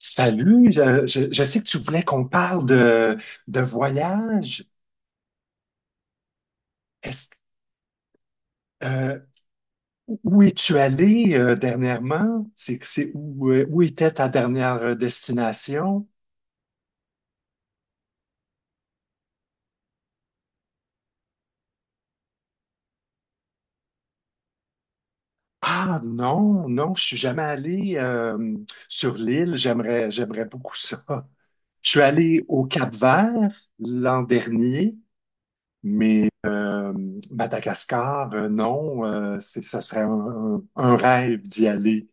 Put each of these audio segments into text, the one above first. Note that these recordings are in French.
Salut, je sais que tu voulais qu'on parle de voyage. Est-ce, euh, Où es-tu allé dernièrement? C'est où, où était ta dernière destination? Ah non, non, je suis jamais allé sur l'île. J'aimerais beaucoup ça. Je suis allé au Cap-Vert l'an dernier, mais Madagascar, non, ça serait un rêve d'y aller.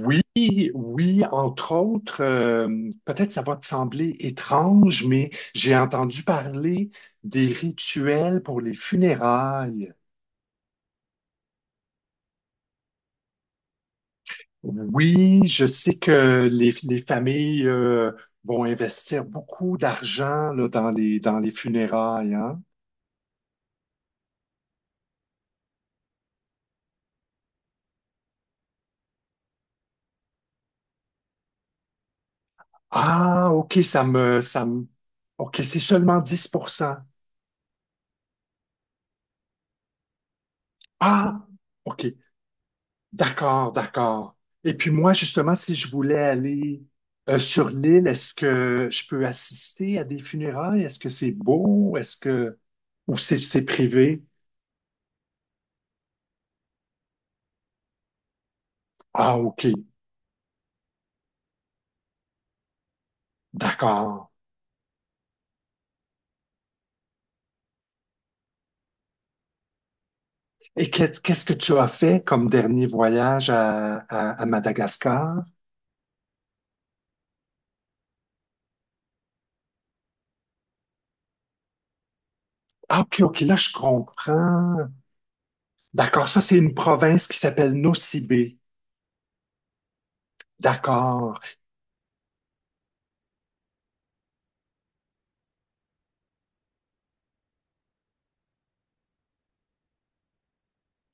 Oui, oui, entre autres, peut-être ça va te sembler étrange, mais j'ai entendu parler des rituels pour les funérailles. Oui, je sais que les familles, vont investir beaucoup d'argent, là, dans les funérailles, hein. Ah, OK, OK, c'est seulement 10%. Ah, OK. D'accord, d'accord. Et puis moi, justement, si je voulais aller sur l'île, est-ce que je peux assister à des funérailles? Est-ce que c'est beau? Ou c'est privé? Ah, OK, d'accord. Et qu'est-ce que tu as fait comme dernier voyage à Madagascar? Ah, OK, OK, là, je comprends. D'accord, ça, c'est une province qui s'appelle Nocibé. D'accord.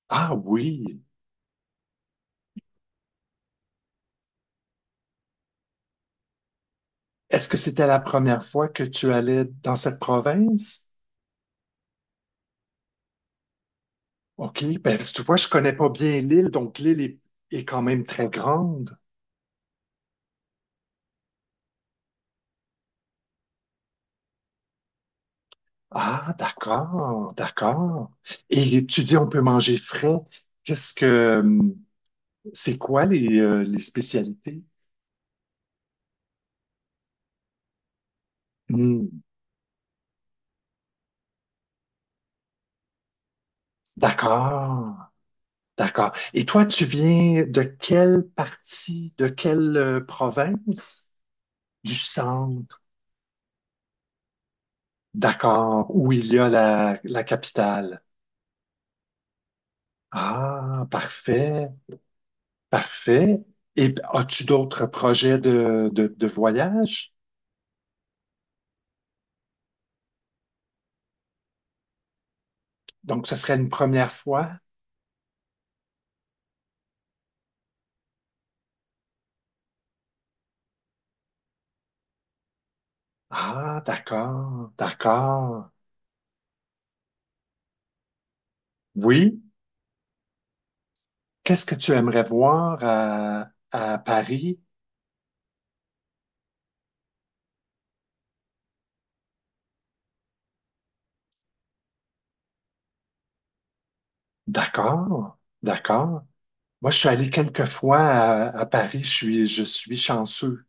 Ah oui. Est-ce que c'était la première fois que tu allais dans cette province? OK. Ben, tu vois, je connais pas bien l'île, donc est quand même très grande. Ah, d'accord, d'accord. Et tu dis on peut manger frais. Qu'est-ce que C'est quoi les spécialités? Hmm, d'accord, d'accord. Et toi, tu viens de quelle partie, de quelle province? Du centre, d'accord, où il y a la, la capitale. Ah, parfait. Parfait. Et as-tu d'autres projets de voyage? Donc, ce serait une première fois? Ah, d'accord, d'accord. Oui. Qu'est-ce que tu aimerais voir à Paris? D'accord, d'accord. Moi, je suis allé quelques fois à Paris. Je suis chanceux.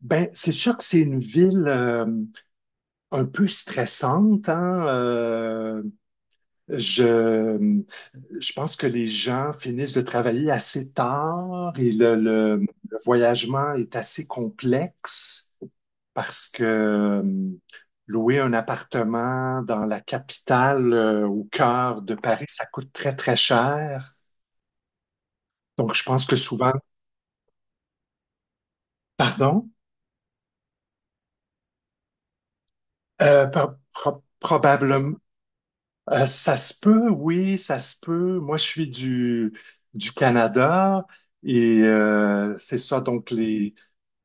Ben, c'est sûr que c'est une ville un peu stressante, hein? Je, je pense que les gens finissent de travailler assez tard et le voyagement est assez complexe parce que louer un appartement dans la capitale, au cœur de Paris, ça coûte très, très cher. Donc, je pense que souvent, pardon, probablement, ça se peut, oui, ça se peut. Moi, je suis du Canada et c'est ça, donc les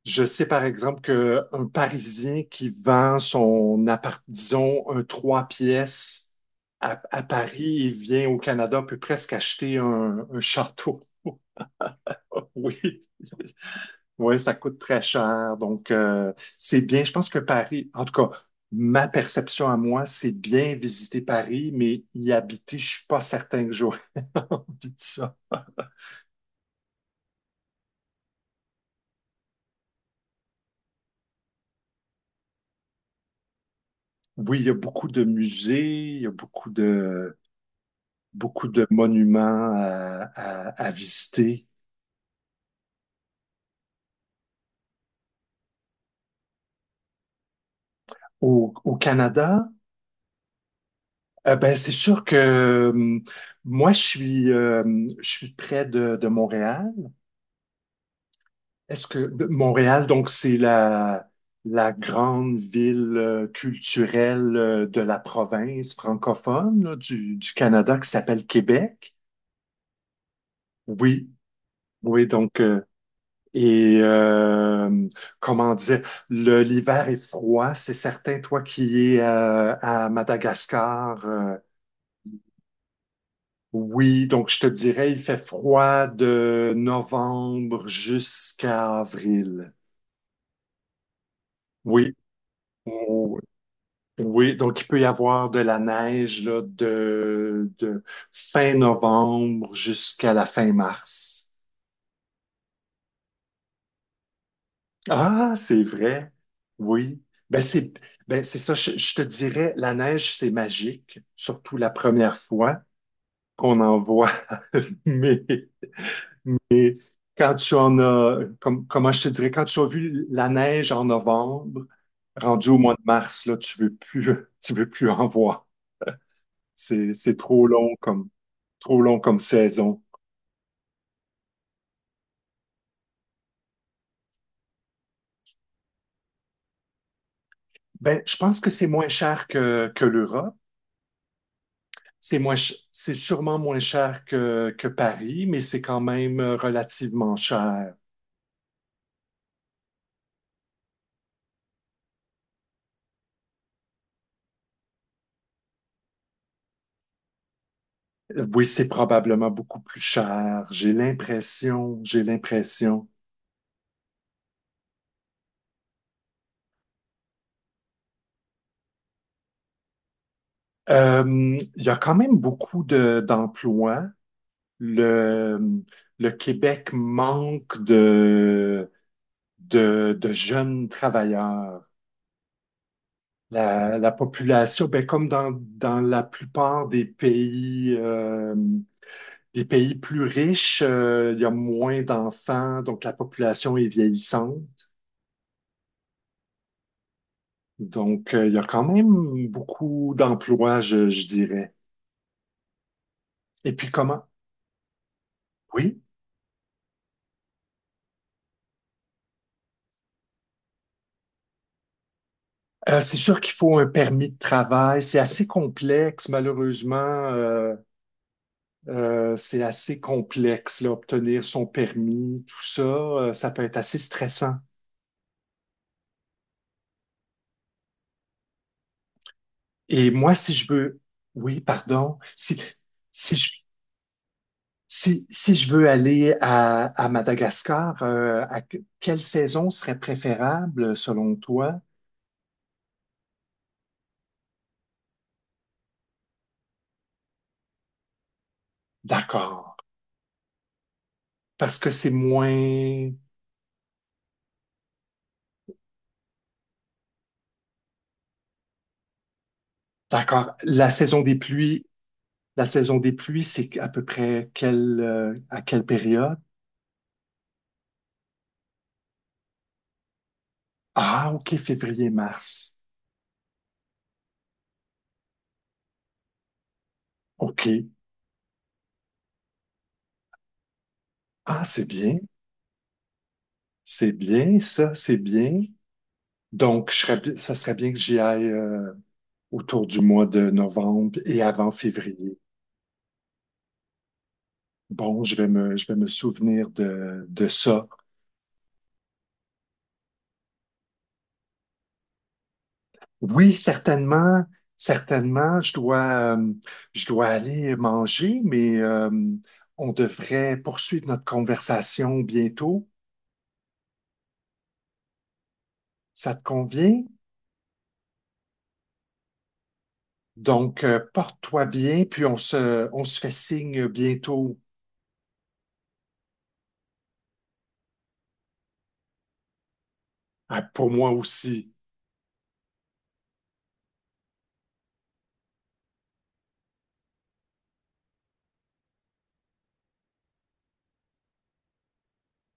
Je sais par exemple qu'un Parisien qui vend son appart, disons, un trois pièces à Paris et vient au Canada peut presque acheter un château. Oui, oui, ça coûte très cher. Donc, c'est bien. Je pense que Paris, en tout cas, ma perception à moi, c'est bien visiter Paris, mais y habiter, je suis pas certain que j'aurais envie de ça. Oui, il y a beaucoup de musées, il y a beaucoup de monuments à visiter. Au Canada, ben, c'est sûr que moi, je suis près de Montréal. Montréal, donc, c'est la grande ville culturelle de la province francophone là, du Canada qui s'appelle Québec? Oui, oui, donc, et euh, comment dire, l'hiver est froid, c'est certain, toi qui es à Madagascar. Oui, donc je te dirais, il fait froid de novembre jusqu'à avril. Oui, oui, oui, donc il peut y avoir de la neige là, de fin novembre jusqu'à la fin mars. Ah, c'est vrai. Oui. Ben c'est ben c'est ça, je te dirais, la neige, c'est magique, surtout la première fois qu'on en voit. Mais quand tu en as, comme, comment je te dirais, quand tu as vu la neige en novembre, rendu au mois de mars, là, tu veux plus, tu veux plus en voir. C'est trop long trop long comme saison. Ben, je pense que c'est moins cher que l'Europe. C'est sûrement moins cher que Paris, mais c'est quand même relativement cher. Oui, c'est probablement beaucoup plus cher. J'ai l'impression, j'ai l'impression. Il y a quand même beaucoup d'emplois. Le, le Québec manque de jeunes travailleurs. La population, ben, comme dans la plupart des pays plus riches, il y a moins d'enfants, donc la population est vieillissante. Donc, il y a quand même beaucoup d'emplois, je dirais. Et puis comment? Oui. C'est sûr qu'il faut un permis de travail. C'est assez complexe, malheureusement. Euh, c'est assez complexe, là, obtenir son permis, tout ça. Euh, ça peut être assez stressant. Et moi, si je veux, oui, pardon, si je, si je veux aller à Madagascar, à quelle saison serait préférable selon toi? D'accord. Parce que c'est moins... D'accord. La saison des pluies, c'est à peu près quelle, à quelle période? Ah, OK, février-mars. OK. Ah, c'est bien. C'est bien, ça, c'est bien. Donc, ça serait bien que j'y aille. Euh, autour du mois de novembre et avant février. Bon, je vais me souvenir de ça. Oui, certainement, certainement, je dois aller manger, mais on devrait poursuivre notre conversation bientôt. Ça te convient? Donc, porte-toi bien, puis on se fait signe bientôt, Ah, pour moi aussi.